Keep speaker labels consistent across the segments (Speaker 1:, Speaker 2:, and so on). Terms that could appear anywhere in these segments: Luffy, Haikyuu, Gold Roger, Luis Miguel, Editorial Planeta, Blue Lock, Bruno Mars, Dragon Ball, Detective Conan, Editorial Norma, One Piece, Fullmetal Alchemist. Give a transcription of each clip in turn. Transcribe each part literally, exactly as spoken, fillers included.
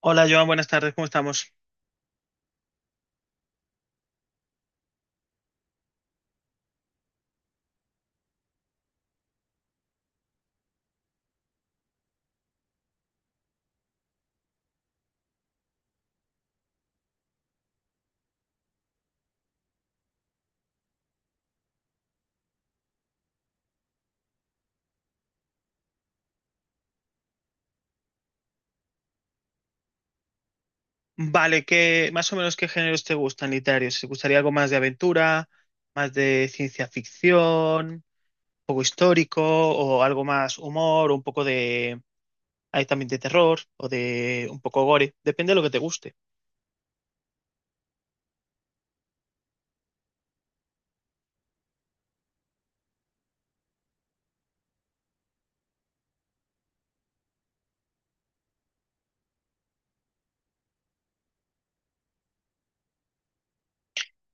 Speaker 1: Hola Joan, buenas tardes, ¿cómo estamos? Vale, ¿qué más o menos qué géneros te gustan literarios? ¿Te gustaría algo más de aventura, más de ciencia ficción, un poco histórico o algo más humor, o un poco de hay también de terror o de un poco gore? Depende de lo que te guste.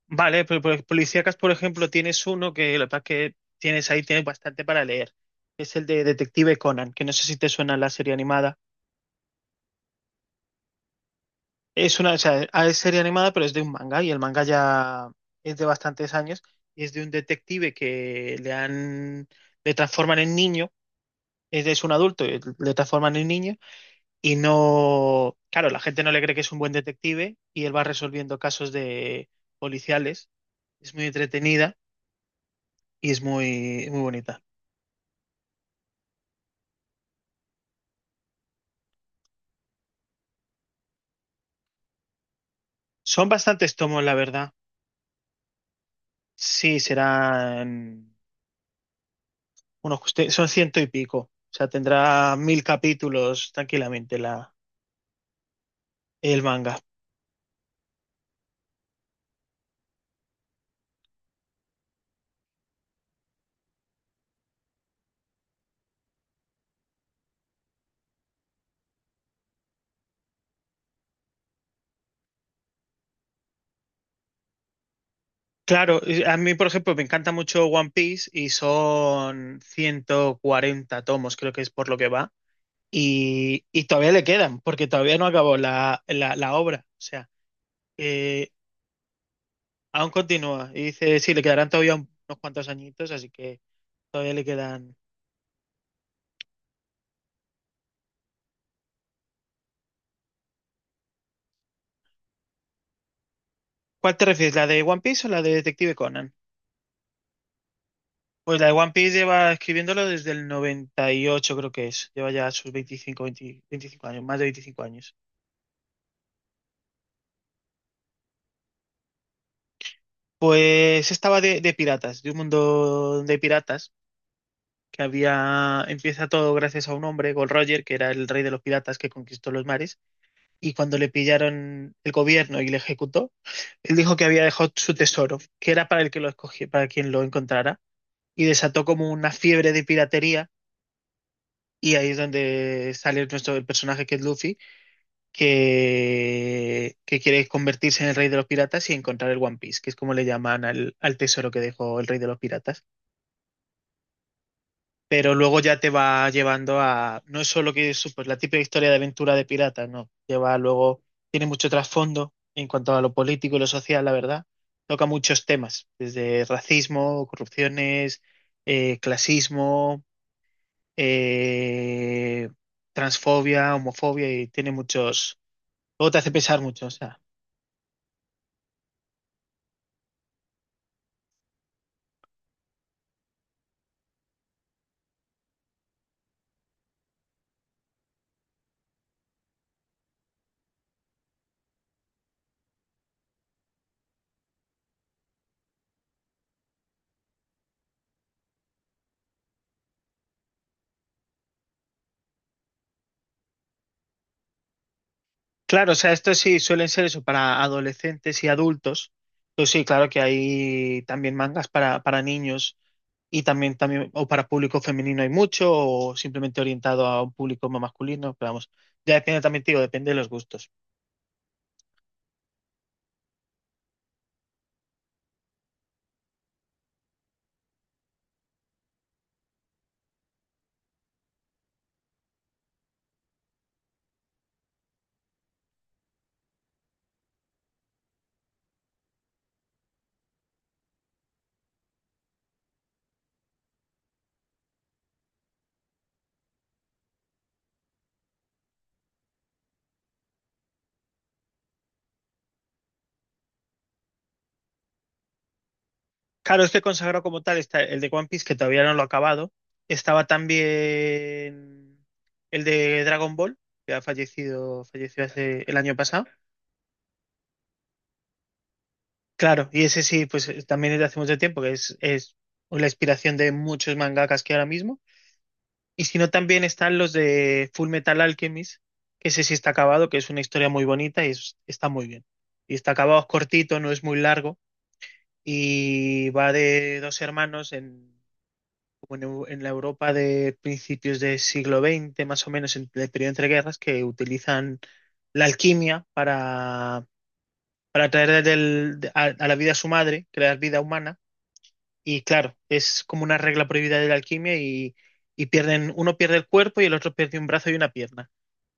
Speaker 1: Vale, pero por, policíacas, por ejemplo, tienes uno que lo que pasa es que tienes ahí tienes bastante para leer. Es el de Detective Conan, que no sé si te suena la serie animada. Es una, o sea, ah, es serie animada, pero es de un manga y el manga ya es de bastantes años y es de un detective que le han, le transforman en niño, es, es un adulto, y le transforman en niño y no, claro, la gente no le cree que es un buen detective y él va resolviendo casos de policiales. Es muy entretenida y es muy, muy bonita. Son bastantes tomos, la verdad. Sí, serán unos, son ciento y pico. O sea, tendrá mil capítulos tranquilamente la El manga. Claro, y a mí, por ejemplo, me encanta mucho One Piece y son ciento cuarenta tomos, creo que es por lo que va. Y, y todavía le quedan, porque todavía no acabó la, la, la obra. O sea, eh, aún continúa. Y dice, sí, le quedarán todavía un- unos cuantos añitos, así que todavía le quedan. ¿Cuál te refieres, la de One Piece o la de Detective Conan? Pues la de One Piece lleva escribiéndolo desde el noventa y ocho, creo que es. Lleva ya sus veinticinco veinte veinticinco años, más de veinticinco años. Pues estaba de, de piratas, de un mundo de piratas, que había, empieza todo gracias a un hombre, Gold Roger, que era el rey de los piratas que conquistó los mares, y cuando le pillaron el gobierno y le ejecutó, él dijo que había dejado su tesoro, que era para el que lo escogía, para quien lo encontrara, y desató como una fiebre de piratería, y ahí es donde sale nuestro el personaje que es Luffy, que, que quiere convertirse en el rey de los piratas y encontrar el One Piece, que es como le llaman al, al tesoro que dejó el rey de los piratas. Pero luego ya te va llevando a, no es solo que eso, pues la típica historia de aventura de pirata, no, lleva luego, tiene mucho trasfondo en cuanto a lo político y lo social, la verdad, toca muchos temas, desde racismo, corrupciones, eh, clasismo, eh, transfobia, homofobia, y tiene muchos, luego te hace pensar mucho, o sea, claro, o sea, esto sí suelen ser eso para adolescentes y adultos, pues sí, claro que hay también mangas para, para niños. Y también, también, o para público femenino hay mucho, o simplemente orientado a un público más masculino, pero vamos, ya depende también, te digo, depende de los gustos. Claro, este consagrado como tal está el de One Piece, que todavía no lo he acabado. Estaba también el de Dragon Ball, que ha fallecido, falleció hace el año pasado. Claro, y ese sí, pues eh, también es de hace mucho tiempo, que es, es la inspiración de muchos mangakas que ahora mismo. Y si no, también están los de Full Metal Alchemist, que ese sí está acabado, que es una historia muy bonita y es- está muy bien. Y está acabado, es cortito, no es muy largo, y va de dos hermanos en, como en, Eu- en la Europa de principios del siglo XX, más o menos, en el periodo entre guerras, que utilizan la alquimia para, para traer del- de- a, a la vida a su madre, crear vida humana. Y claro, es como una regla prohibida de la alquimia y, y pierden, uno pierde el cuerpo y el otro pierde un brazo y una pierna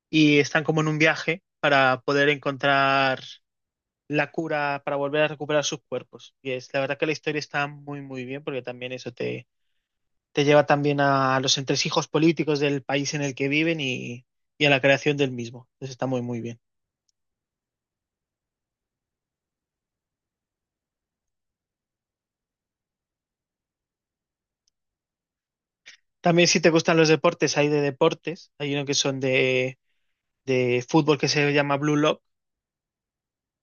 Speaker 1: y están como en un viaje para poder encontrar la cura para volver a recuperar sus cuerpos. Y es la verdad que la historia está muy, muy bien porque también eso te, te lleva también a los entresijos políticos del país en el que viven y, y a la creación del mismo. Entonces está muy, muy bien. También si te gustan los deportes, hay de deportes. Hay uno que son de, de fútbol que se llama Blue Lock.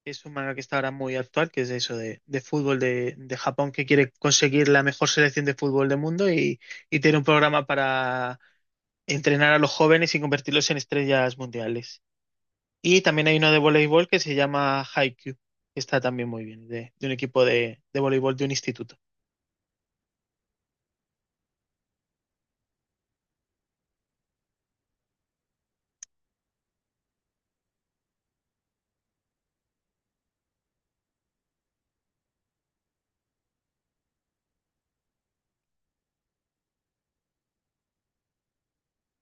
Speaker 1: Es un manga que está ahora muy actual, que es de eso, de, de fútbol de, de Japón, que quiere conseguir la mejor selección de fútbol del mundo y, y tiene un programa para entrenar a los jóvenes y convertirlos en estrellas mundiales. Y también hay uno de voleibol que se llama Haikyuu, que está también muy bien, de, de un equipo de, de voleibol de un instituto.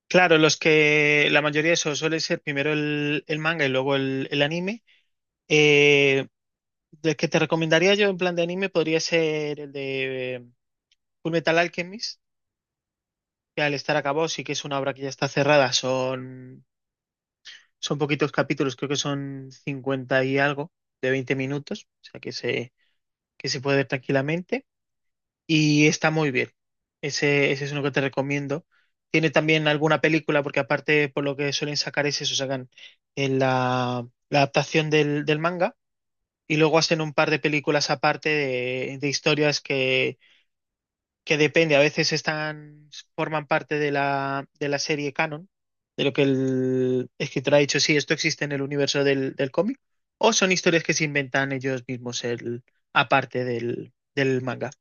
Speaker 1: Claro, los que la mayoría de eso suele ser primero el, el manga y luego el, el anime. Eh, del que te recomendaría yo en plan de anime podría ser el de eh, Fullmetal Alchemist, que al estar acabado sí que es una obra que ya está cerrada. Son, son poquitos capítulos, creo que son cincuenta y algo de veinte minutos, o sea que se, que se puede ver tranquilamente y está muy bien. Ese, ese es uno que te recomiendo. Tiene también alguna película, porque aparte por lo que suelen sacar es eso, sacan en la, la adaptación del, del manga y luego hacen un par de películas aparte de, de historias que que depende, a veces están, forman parte de la, de la serie canon, de lo que el escritor ha dicho, sí, esto existe en el universo del, del cómic, o son historias que se inventan ellos mismos el, aparte del, del manga.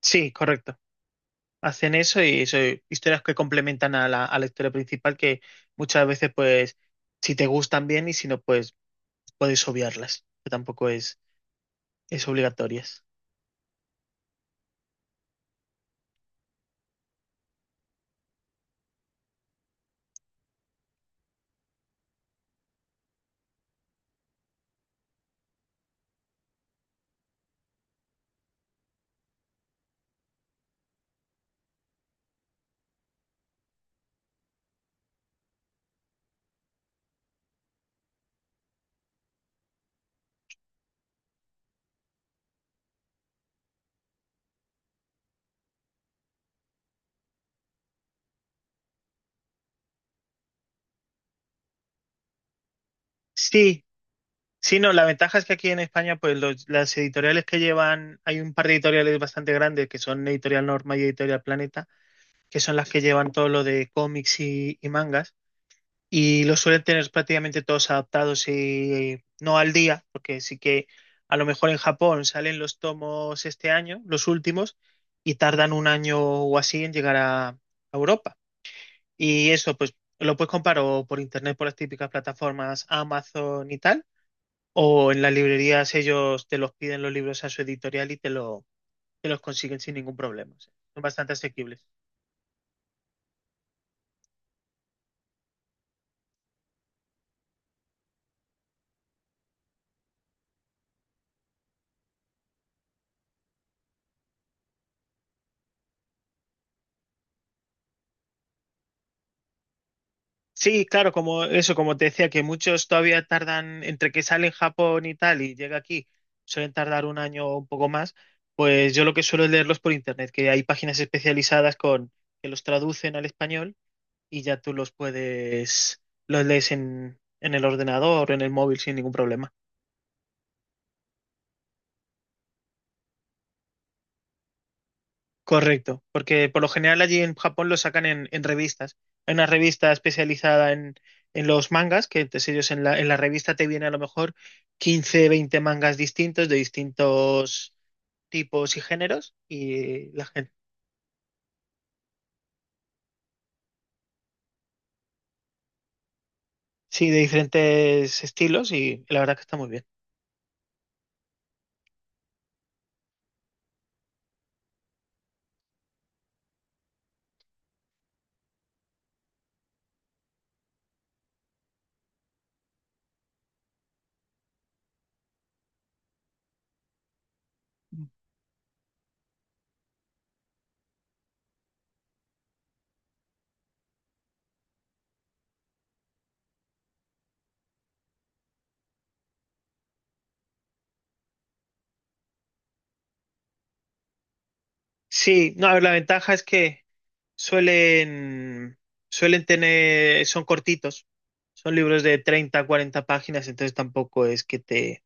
Speaker 1: Sí, correcto. Hacen eso y son historias que complementan a la, a la historia principal que muchas veces, pues, si te gustan bien y si no, pues puedes obviarlas, que tampoco es, es obligatorias. Sí, sí, no, la ventaja es que aquí en España, pues los- las editoriales que llevan, hay un par de editoriales bastante grandes que son Editorial Norma y Editorial Planeta, que son las que llevan todo lo de cómics y, y mangas, y los suelen tener prácticamente todos adaptados y no al día, porque sí que a lo mejor en Japón salen los tomos este año, los últimos, y tardan un año o así en llegar a, a Europa. Y eso, pues lo puedes comprar o por internet, por las típicas plataformas Amazon y tal o en las librerías ellos te los piden los libros a su editorial y te, lo, te los consiguen sin ningún problema. O sea, son bastante asequibles. Sí, claro, como eso, como te decía, que muchos todavía tardan, entre que sale en Japón y tal y llega aquí, suelen tardar un año o un poco más, pues yo lo que suelo es leerlos por internet, que hay páginas especializadas con que los traducen al español y ya tú los puedes, los lees en, en el ordenador o en el móvil sin ningún problema. Correcto, porque por lo general allí en Japón lo sacan en, en revistas. Hay una revista especializada en, en los mangas, que entonces ellos en la, en la revista te viene a lo mejor quince veinte mangas distintos de distintos tipos y géneros y la gente, sí, de diferentes estilos y la verdad que está muy bien. Sí, no, a ver, la ventaja es que suelen, suelen tener, son cortitos, son libros de treinta, cuarenta páginas, entonces tampoco es que te...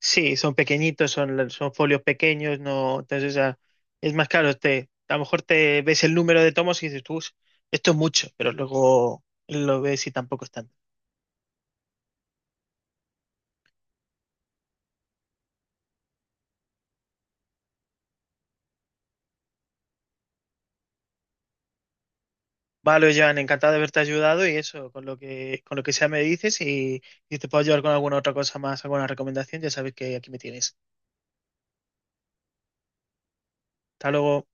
Speaker 1: Sí, son pequeñitos, son, son folios pequeños, no, entonces ah, es más caro. Te, a lo mejor te ves el número de tomos y dices, tú, esto es mucho, pero luego lo ves y tampoco es tanto. Vale, Joan, encantado de haberte ayudado y eso, con lo que, con lo que sea me dices y si te puedo ayudar con alguna otra cosa más, alguna recomendación, ya sabes que aquí me tienes. Hasta luego.